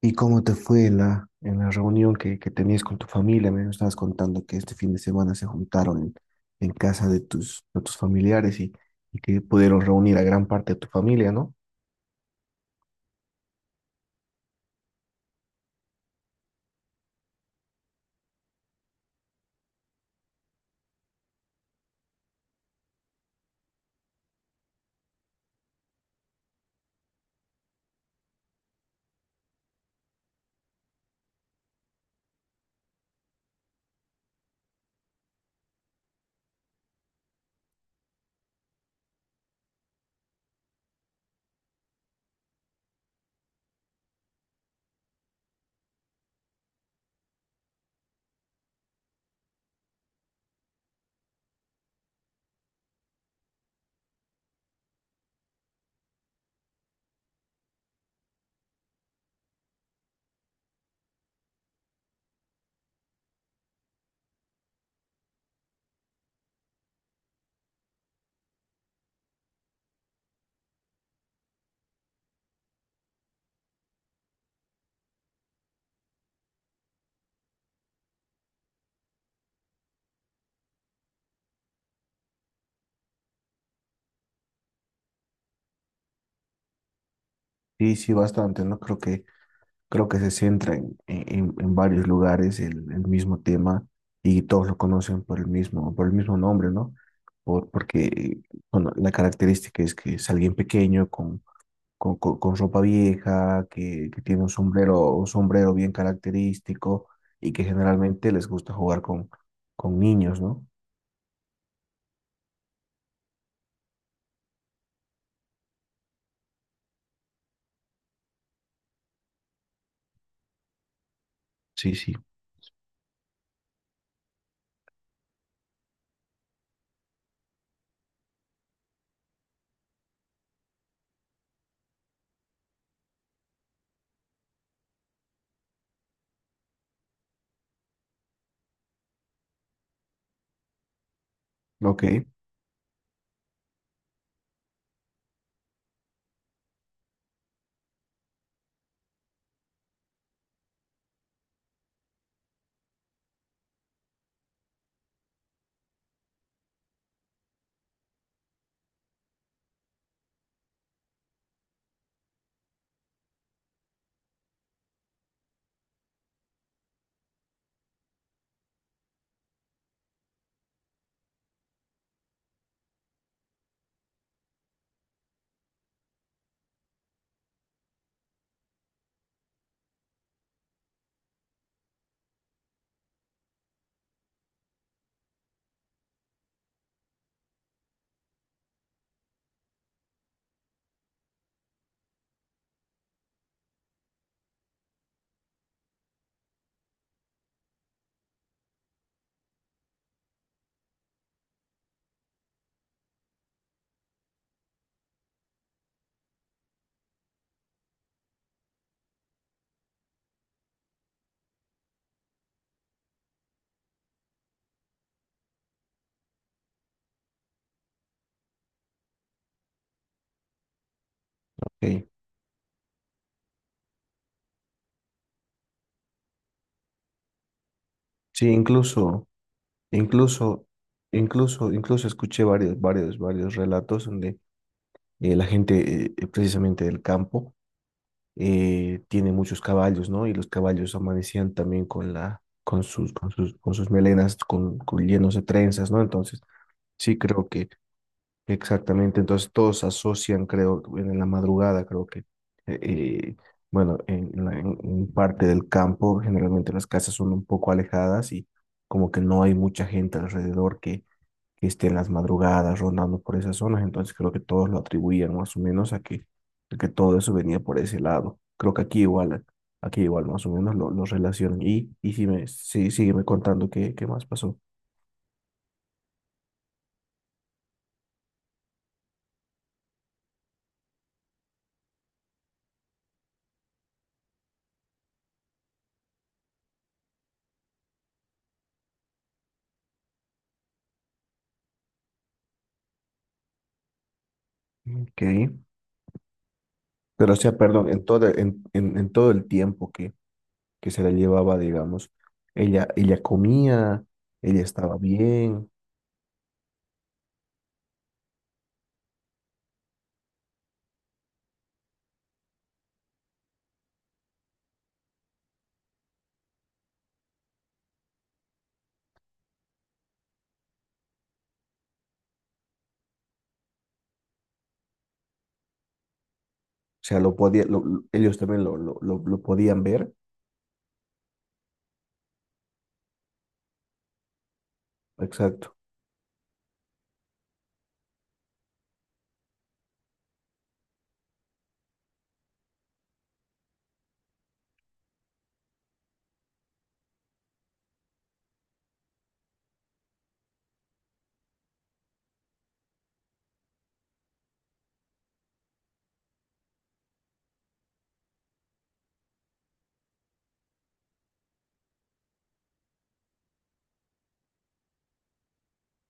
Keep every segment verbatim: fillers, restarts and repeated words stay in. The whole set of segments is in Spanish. ¿Y cómo te fue en la, en la reunión que, que tenías con tu familia? Me estabas contando que este fin de semana se juntaron en, en casa de tus, de tus familiares y, y que pudieron reunir a gran parte de tu familia, ¿no? Sí, sí, bastante, ¿no? Creo que, creo que se centra en, en, en varios lugares el, el mismo tema y todos lo conocen por el mismo, por el mismo nombre, ¿no? Por, porque, bueno, la característica es que es alguien pequeño con, con- con ropa vieja, que, que tiene un sombrero, un sombrero bien característico y que generalmente les gusta jugar con, con niños, ¿no? Sí, sí. Ok, ok. Sí, incluso, incluso, incluso, incluso escuché varios, varios, varios relatos donde eh, la gente eh, eh, precisamente del campo eh, tiene muchos caballos, ¿no? Y los caballos amanecían también con la, con sus, con sus, con sus melenas, con, con llenos de trenzas, ¿no? Entonces, sí creo que exactamente, entonces todos asocian, creo, en la madrugada, creo que, eh, eh, bueno, en, la- en- en parte del campo, generalmente las casas son un poco alejadas y como que no hay mucha gente alrededor que, que esté en las madrugadas rondando por esas zonas, entonces creo que todos lo atribuían más o menos a que, a que todo eso venía por ese lado. Creo que aquí igual, aquí igual más o menos lo, lo relacionan. Y, y sí me, sí, sígueme contando qué, qué más pasó. Ok. Pero, o sea, perdón, en todo, en, en, en todo el tiempo que, que se la llevaba, digamos, ella, ella comía, ella estaba bien, o sea, lo podía, lo- lo- ellos también lo, lo, lo, lo podían ver, exacto,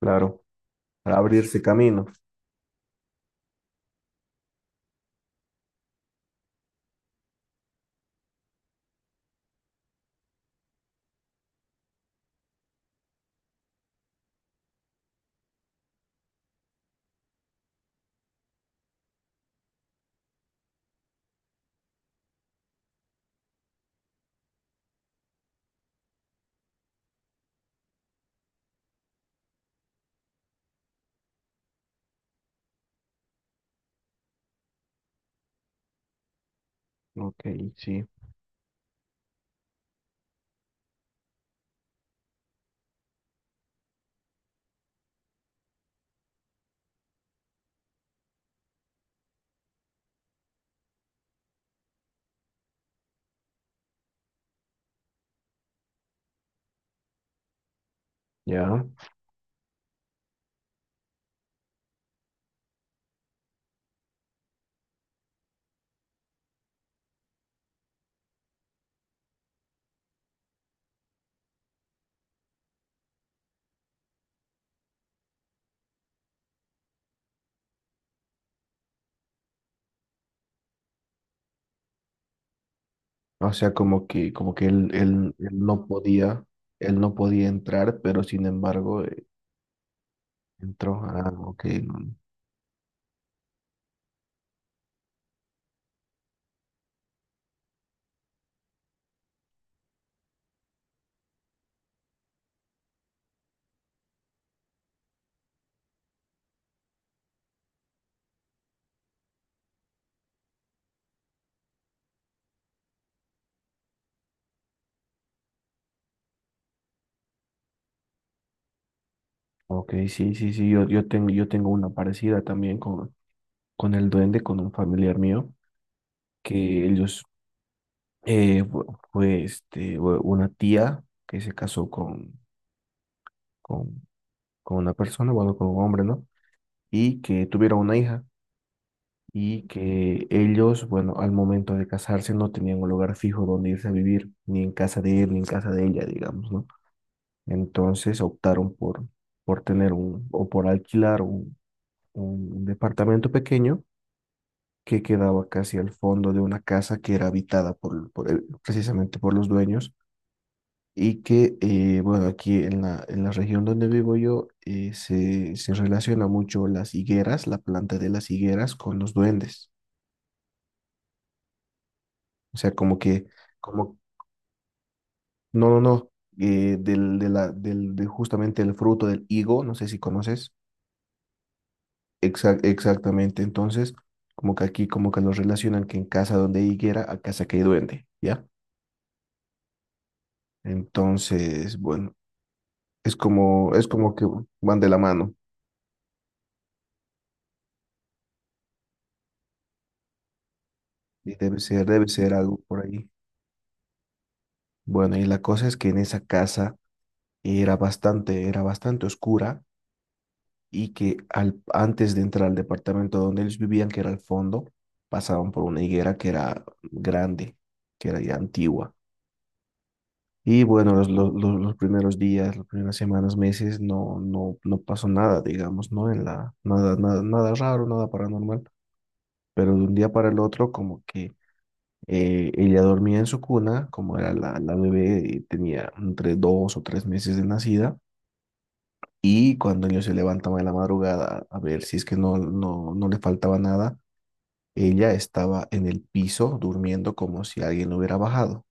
claro, para abrirse camino. Ok, sí, ya. O sea, como que, como que él, él, él no podía, él no podía entrar, pero sin embargo, eh, entró. Ah, ok, no. Ok, sí, sí, sí, yo, yo tengo, yo tengo una parecida también con, con el duende, con un familiar mío. Que ellos eh, fu- fue este, u- una tía que se casó con, con, con una persona, bueno, con un hombre, ¿no? Y que tuvieron una hija y que ellos, bueno, al momento de casarse no tenían un lugar fijo donde irse a vivir, ni en casa de él, ni en casa de ella, digamos, ¿no? Entonces optaron por, por tener un, o por alquilar un, un departamento pequeño que quedaba casi al fondo de una casa que era habitada por, por el- precisamente por los dueños y que, eh, bueno, aquí en la, en la región donde vivo yo eh, se, se relaciona mucho las higueras, la planta de las higueras con los duendes. O sea, como que, como, no, no, no, eh, del, de la, del, de justamente el fruto del higo, no sé si conoces. Exa- exactamente. Entonces, como que aquí, como que los relacionan que en casa donde hay higuera, a casa que hay duende, ¿ya? Entonces, bueno, es como, es como que van de la mano y debe ser, debe ser algo por ahí. Bueno, y la cosa es que en esa casa era bastante, era bastante oscura y que al, antes de entrar al departamento donde ellos vivían, que era al fondo, pasaban por una higuera que era grande, que era ya antigua. Y bueno, los, los, los- los primeros días, las primeras semanas, meses, no, no, no pasó nada, digamos, ¿no? En la, nada, nada, nada raro, nada paranormal. Pero de un día para el otro, como que eh, ella dormía en su cuna, como era la, la bebé, y tenía entre dos o tres meses de nacida. Y cuando ellos se levantaban en la madrugada a ver si es que no, no, no le faltaba nada, ella estaba en el piso durmiendo como si alguien lo hubiera bajado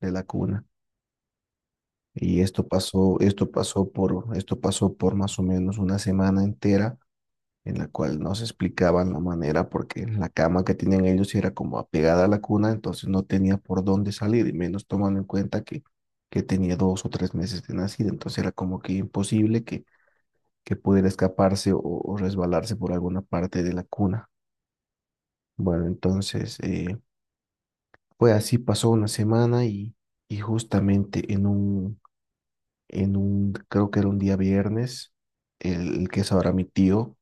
de la cuna. Y esto pasó, esto pasó por, esto pasó por más o menos una semana entera en la cual no se explicaban la manera porque la cama que tenían ellos era como apegada a la cuna, entonces no tenía por dónde salir, y menos tomando en cuenta que, que tenía dos o tres meses de nacida, entonces era como que imposible que que pudiera escaparse o, o resbalarse por alguna parte de la cuna. Bueno, entonces, eh, pues así pasó una semana y, y justamente en un, en un, creo que era un día viernes, el, el que es ahora mi tío,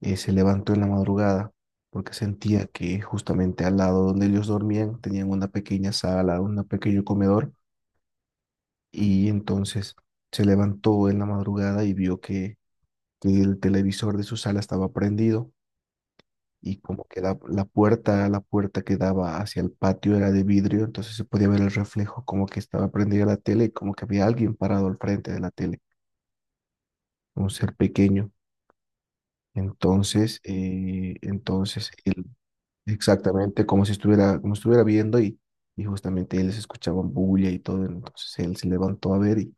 eh, se levantó en la madrugada porque sentía que justamente al lado donde ellos dormían tenían una pequeña sala, un pequeño comedor, y entonces se levantó en la madrugada y vio que, que el televisor de su sala estaba prendido y como que la, la puerta, la puerta que daba hacia el patio era de vidrio, entonces se podía ver el reflejo como que estaba prendida la tele y como que había alguien parado al frente de la tele, un ser pequeño. Entonces, eh, entonces él exactamente como si estuviera, como estuviera viendo y, y justamente ellos escuchaban bulla y todo, entonces él se levantó a ver y,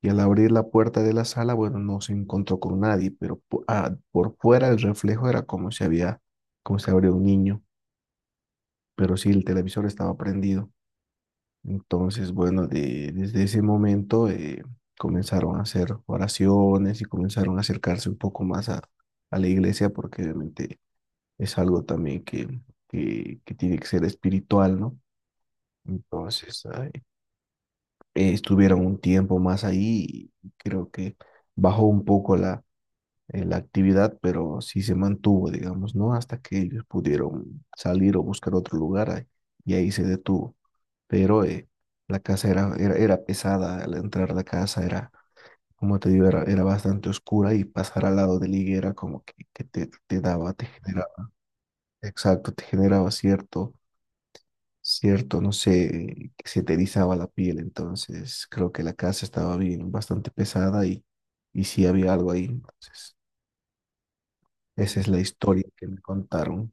y al abrir la puerta de la sala, bueno, no se encontró con nadie, pero po- ah, por fuera el reflejo era como si había, como si habría un niño. Pero sí, el televisor estaba prendido. Entonces, bueno, de- desde ese momento eh, comenzaron a hacer oraciones y comenzaron a acercarse un poco más a, a la iglesia porque obviamente es algo también que, que, que tiene que ser espiritual, ¿no? Entonces, ay, eh, estuvieron un tiempo más ahí y creo que bajó un poco la, eh, la actividad, pero sí se mantuvo, digamos, ¿no? Hasta que ellos pudieron salir o buscar otro lugar ahí, y ahí se detuvo. Pero eh, la casa era, era, era pesada, al entrar a la casa era, como te digo, era, era bastante oscura y pasar al lado de la higuera como que, que te, te daba, te generaba, exacto, te generaba cierto, cierto, no sé, que se te erizaba la piel, entonces creo que la casa estaba bien, bastante pesada y, y sí había algo ahí, entonces esa es la historia que me contaron.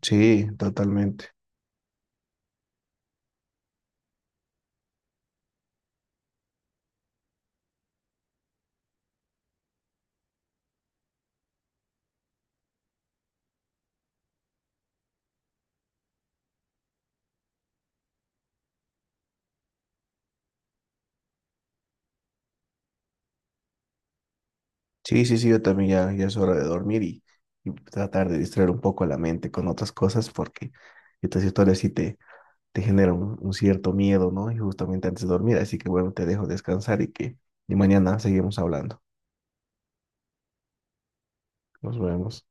Sí, totalmente. Sí, sí, sí, yo también ya, ya es hora de dormir y, y tratar de distraer un poco la mente con otras cosas porque estas historias sí te, te generan un, un cierto miedo, ¿no? Y justamente antes de dormir, así que bueno, te dejo descansar y que y mañana seguimos hablando. Nos vemos.